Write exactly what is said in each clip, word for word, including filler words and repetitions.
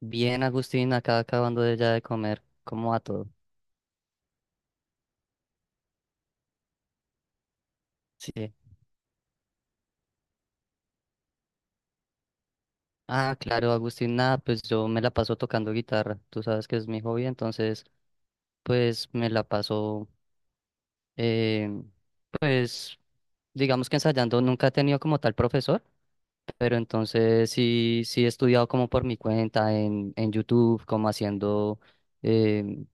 Bien, Agustín, acá acabando de ya de comer. ¿Cómo va todo? Sí. Ah, claro, Agustín, nada, pues yo me la paso tocando guitarra. Tú sabes que es mi hobby, entonces, pues me la paso, eh, pues, digamos que ensayando. Nunca he tenido como tal profesor, pero entonces sí, sí he estudiado como por mi cuenta en, en YouTube, como haciendo em,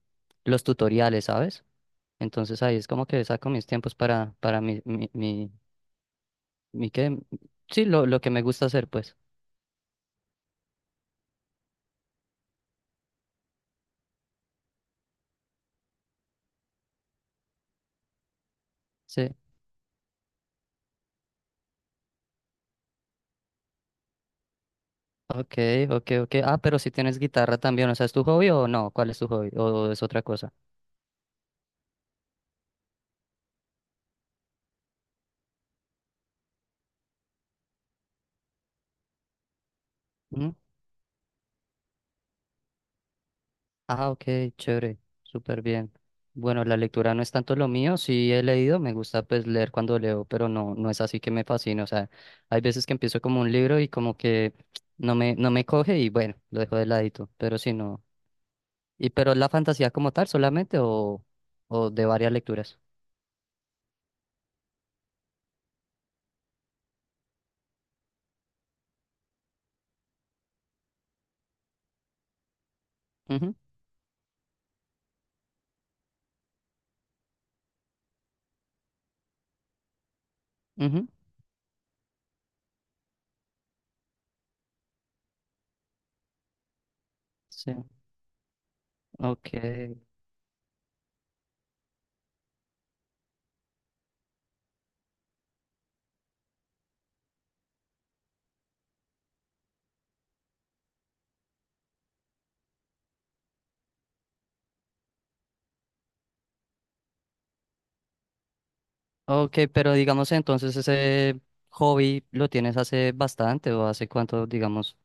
los tutoriales, ¿sabes? Entonces ahí es como que saco mis tiempos para, para mi, mi, mi, mi, ¿qué? Sí, lo, lo que me gusta hacer, pues. Sí. Ok, ok, ok. Ah, pero si tienes guitarra también, o sea, ¿es tu hobby o no? ¿Cuál es tu hobby? ¿O es otra cosa? ¿Mm? Ah, ok, chévere, súper bien. Bueno, la lectura no es tanto lo mío, sí he leído, me gusta pues leer cuando leo, pero no, no es así que me fascina, o sea, hay veces que empiezo como un libro y como que no me, no me coge y bueno, lo dejo de ladito, pero sí no. ¿Y pero la fantasía como tal solamente o, o de varias lecturas? Ujú, ujú. Sí, ok. Ok, pero digamos entonces ese hobby lo tienes hace bastante o hace cuánto, digamos,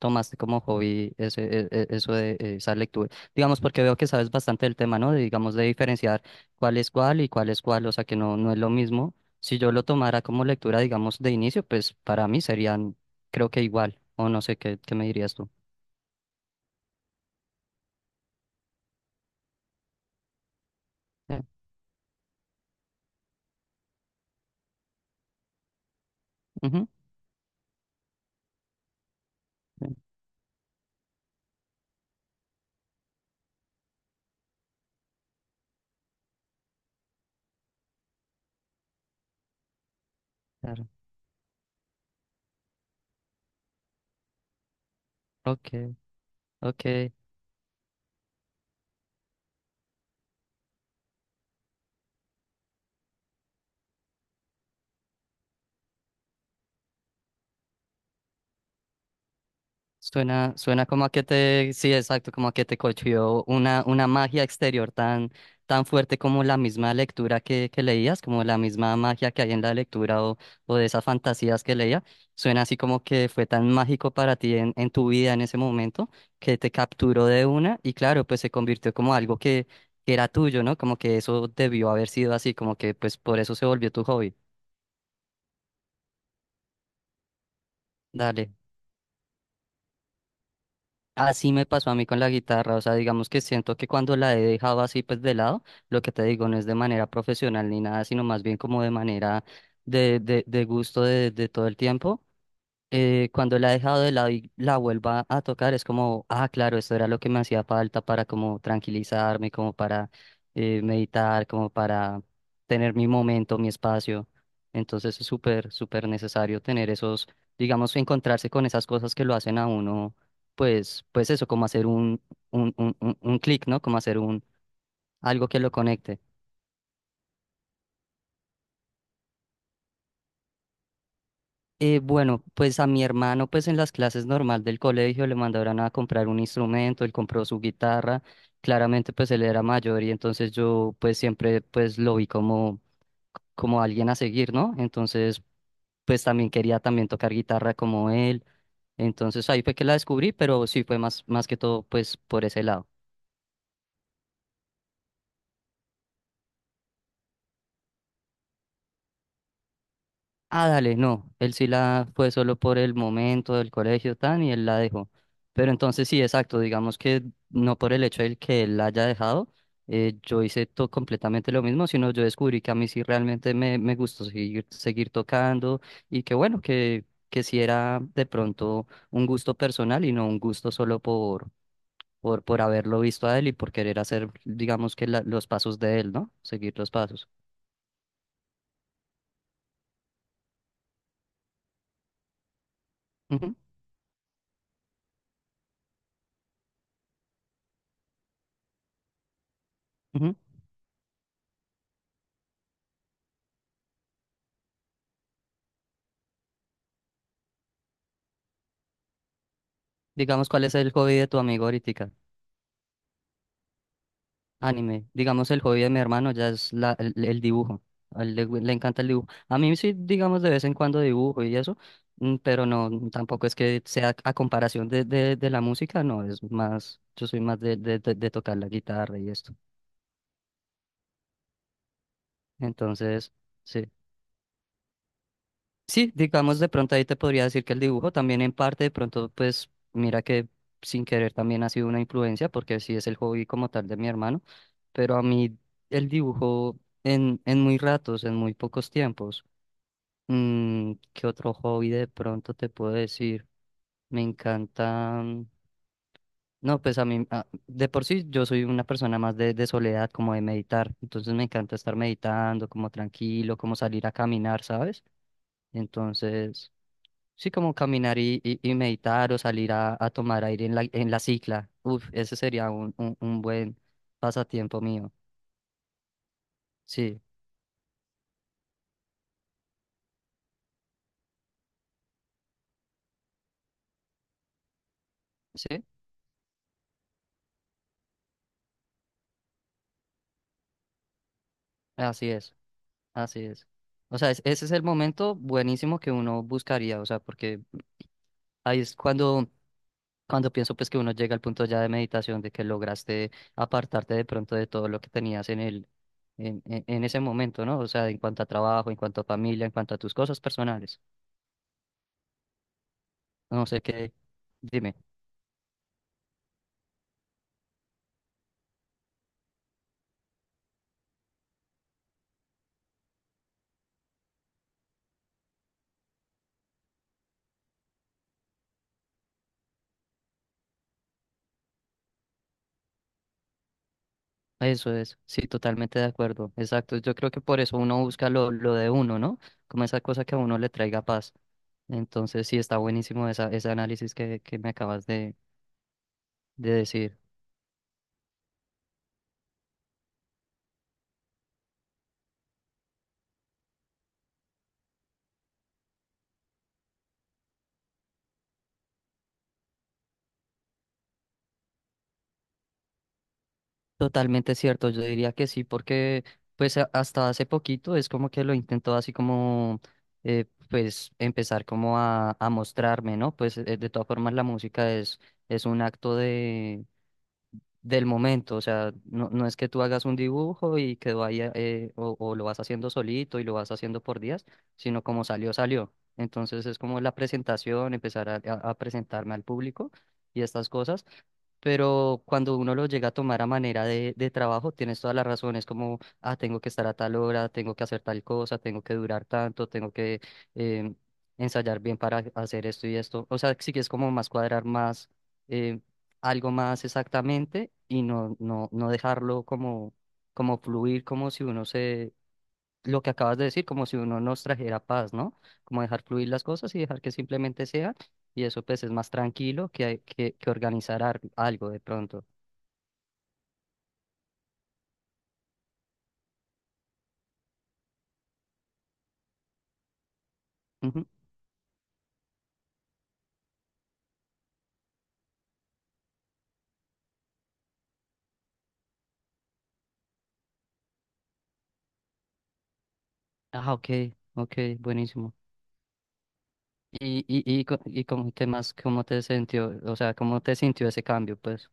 tomaste como hobby ese, e- e- eso de eh, esa lectura. Digamos, porque veo que sabes bastante del tema, ¿no? De, digamos, de diferenciar cuál es cuál y cuál es cuál, o sea que no, no es lo mismo. Si yo lo tomara como lectura, digamos, de inicio, pues para mí serían, creo que igual, o no sé qué, qué me dirías tú. Eh, ujú, eh, claro. Ok, ok. Suena, suena como a que te, sí, exacto, como a que te cogió una, una magia exterior tan, tan fuerte como la misma lectura que, que leías, como la misma magia que hay en la lectura o, o de esas fantasías que leía. Suena así como que fue tan mágico para ti en, en tu vida en ese momento que te capturó de una y claro, pues se convirtió como algo que, que era tuyo, ¿no? Como que eso debió haber sido así, como que pues por eso se volvió tu hobby. Dale. Así me pasó a mí con la guitarra, o sea, digamos que siento que cuando la he dejado así pues de lado, lo que te digo no es de manera profesional ni nada, sino más bien como de manera de, de, de gusto de, de todo el tiempo eh, cuando la he dejado de lado y la vuelva a tocar, es como, ah, claro, esto era lo que me hacía falta para como tranquilizarme, como para eh, meditar, como para tener mi momento, mi espacio. Entonces es súper, súper necesario tener esos, digamos, encontrarse con esas cosas que lo hacen a uno, pues, pues eso, como hacer un, un, un, un, un clic, ¿no? Como hacer un, algo que lo conecte. Eh, bueno, pues a mi hermano, pues en las clases normal del colegio le mandaron a comprar un instrumento, él compró su guitarra, claramente pues él era mayor y entonces yo pues siempre pues lo vi como, como alguien a seguir, ¿no? Entonces pues también quería también tocar guitarra como él, entonces ahí fue que la descubrí, pero sí fue más, más que todo pues por ese lado. Ah, dale, no, él sí la fue solo por el momento del colegio tan y él la dejó. Pero entonces sí, exacto, digamos que no por el hecho de que él la haya dejado, eh, yo hice todo completamente lo mismo, sino yo descubrí que a mí sí realmente me, me gustó seguir, seguir tocando y que bueno, que, que sí era de pronto un gusto personal y no un gusto solo por, por, por haberlo visto a él y por querer hacer, digamos que la- los pasos de él, ¿no? Seguir los pasos. Ujú, ujú. Digamos, ¿cuál es el hobby de tu amigo ahorita? Anime, digamos el hobby de mi hermano ya es la, el, el dibujo, a él le, gu- le encanta el dibujo. A mí sí, digamos de vez en cuando dibujo y eso, mm, pero no, tampoco es que sea a comparación de, de, de la música, no, es más, yo soy más de, de, de- de tocar la guitarra y esto. Entonces, sí. Sí, digamos de pronto ahí te podría decir que el dibujo también en parte de pronto pues mira que sin querer también ha sido una influencia porque sí es el hobby como tal de mi hermano. Pero a mí el dibujo en, en muy ratos, en muy pocos tiempos. Mm, ¿qué otro hobby de pronto te puedo decir? Me encanta... mm. No, pues a mí, ah, de por sí yo soy una persona más de, de soledad, como de meditar, entonces me encanta estar meditando, como tranquilo, como salir a caminar, ¿sabes? Entonces, sí, como caminar y, y, y meditar o salir a, a tomar aire en la, en la cicla, uf, ese sería un, un, un buen pasatiempo mío, sí, sí, así es. Así es. O sea, es- ese es el momento buenísimo que uno buscaría, o sea, porque ahí es cuando, cuando pienso pues que uno llega al punto ya de meditación, de que lograste apartarte de pronto de todo lo que tenías en el, en, en, en ese momento, ¿no? O sea, en cuanto a trabajo, en cuanto a familia, en cuanto a tus cosas personales. No sé qué, dime. Eso es, sí, totalmente de acuerdo. Exacto. Yo creo que por eso uno busca lo, lo de uno, ¿no? Como esa cosa que a uno le traiga paz. Entonces, sí, está buenísimo esa, ese análisis que, que me acabas de de decir. Totalmente cierto, yo diría que sí, porque pues a- hasta hace poquito es como que lo intentó así como eh, pues empezar como a, a mostrarme, ¿no? Pues eh, de todas formas la música es, es un acto de, del momento, o sea, no, no es que tú hagas un dibujo y quedó ahí eh, o, o lo vas haciendo solito y lo vas haciendo por días, sino como salió, salió. Entonces es como la presentación, empezar a a- a presentarme al público y estas cosas. Pero cuando uno lo llega a tomar a manera de, de trabajo, tienes todas las razones como, ah, tengo que estar a tal hora, tengo que hacer tal cosa, tengo que durar tanto, tengo que em, ensayar bien para hacer esto y esto. O sea, sí que es como más cuadrar más em, algo más exactamente y no, no, no dejarlo como, como fluir, como si uno lo que acabas de decir, como si uno nos trajera paz, ¿no? Como dejar fluir las cosas y dejar que simplemente sea, y eso pues es más tranquilo que, hay- que, que organizar ar- algo de pronto. Ujú. Ah, ok, ok, buenísimo. Y, y, y, co- y cómo, ¿qué más, cómo te sintió, o sea, cómo te sintió ese cambio, pues?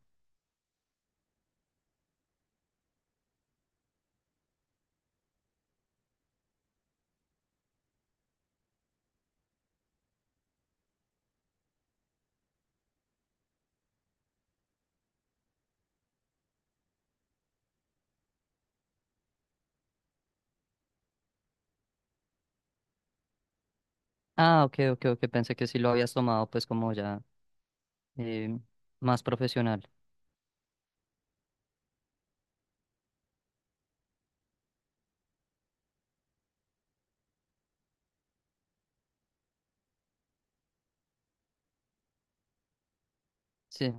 Ah, ok, ok, ok, pensé que sí lo habías tomado pues como ya eh, más profesional. Sí.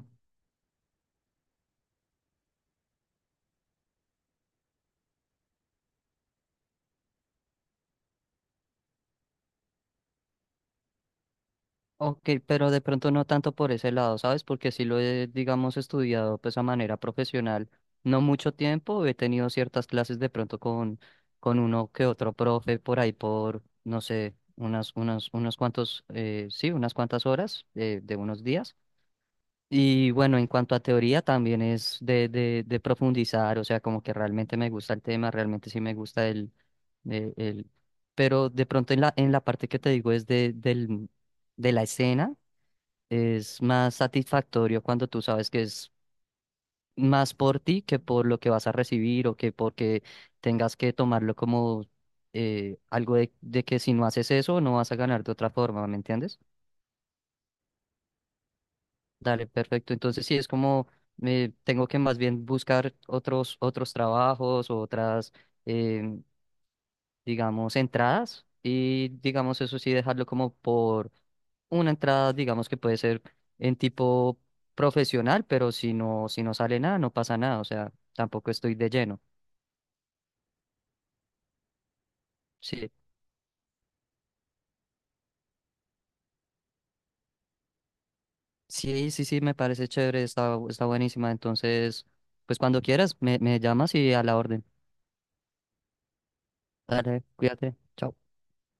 Ok, pero de pronto no tanto por ese lado, ¿sabes? Porque sí lo he, digamos, estudiado pues a manera profesional, no mucho tiempo, he tenido ciertas clases de pronto con, con uno que otro profe por ahí por, no sé, unas, unas, unos cuantos, eh, sí, unas cuantas horas eh, de unos días. Y bueno, en cuanto a teoría también es de, de, de profundizar, o sea, como que realmente me gusta el tema, realmente sí me gusta el, el, el- pero de pronto en la, en la parte que te digo es de, del, de la escena es más satisfactorio cuando tú sabes que es más por ti que por lo que vas a recibir o que porque tengas que tomarlo como eh, algo de, de que si no haces eso no vas a ganar de otra forma, ¿me entiendes? Dale, perfecto. Entonces sí, es como eh, tengo que más bien buscar otros, otros trabajos o otras, eh, digamos, entradas y, digamos, eso sí, dejarlo como por una entrada, digamos, que puede ser en tipo profesional, pero si no, si no sale nada, no pasa nada, o sea, tampoco estoy de lleno. Sí, sí, sí, sí, me parece chévere, está, está buenísima, entonces, pues cuando quieras, me, me llamas y a la orden. Dale, cuídate, chao.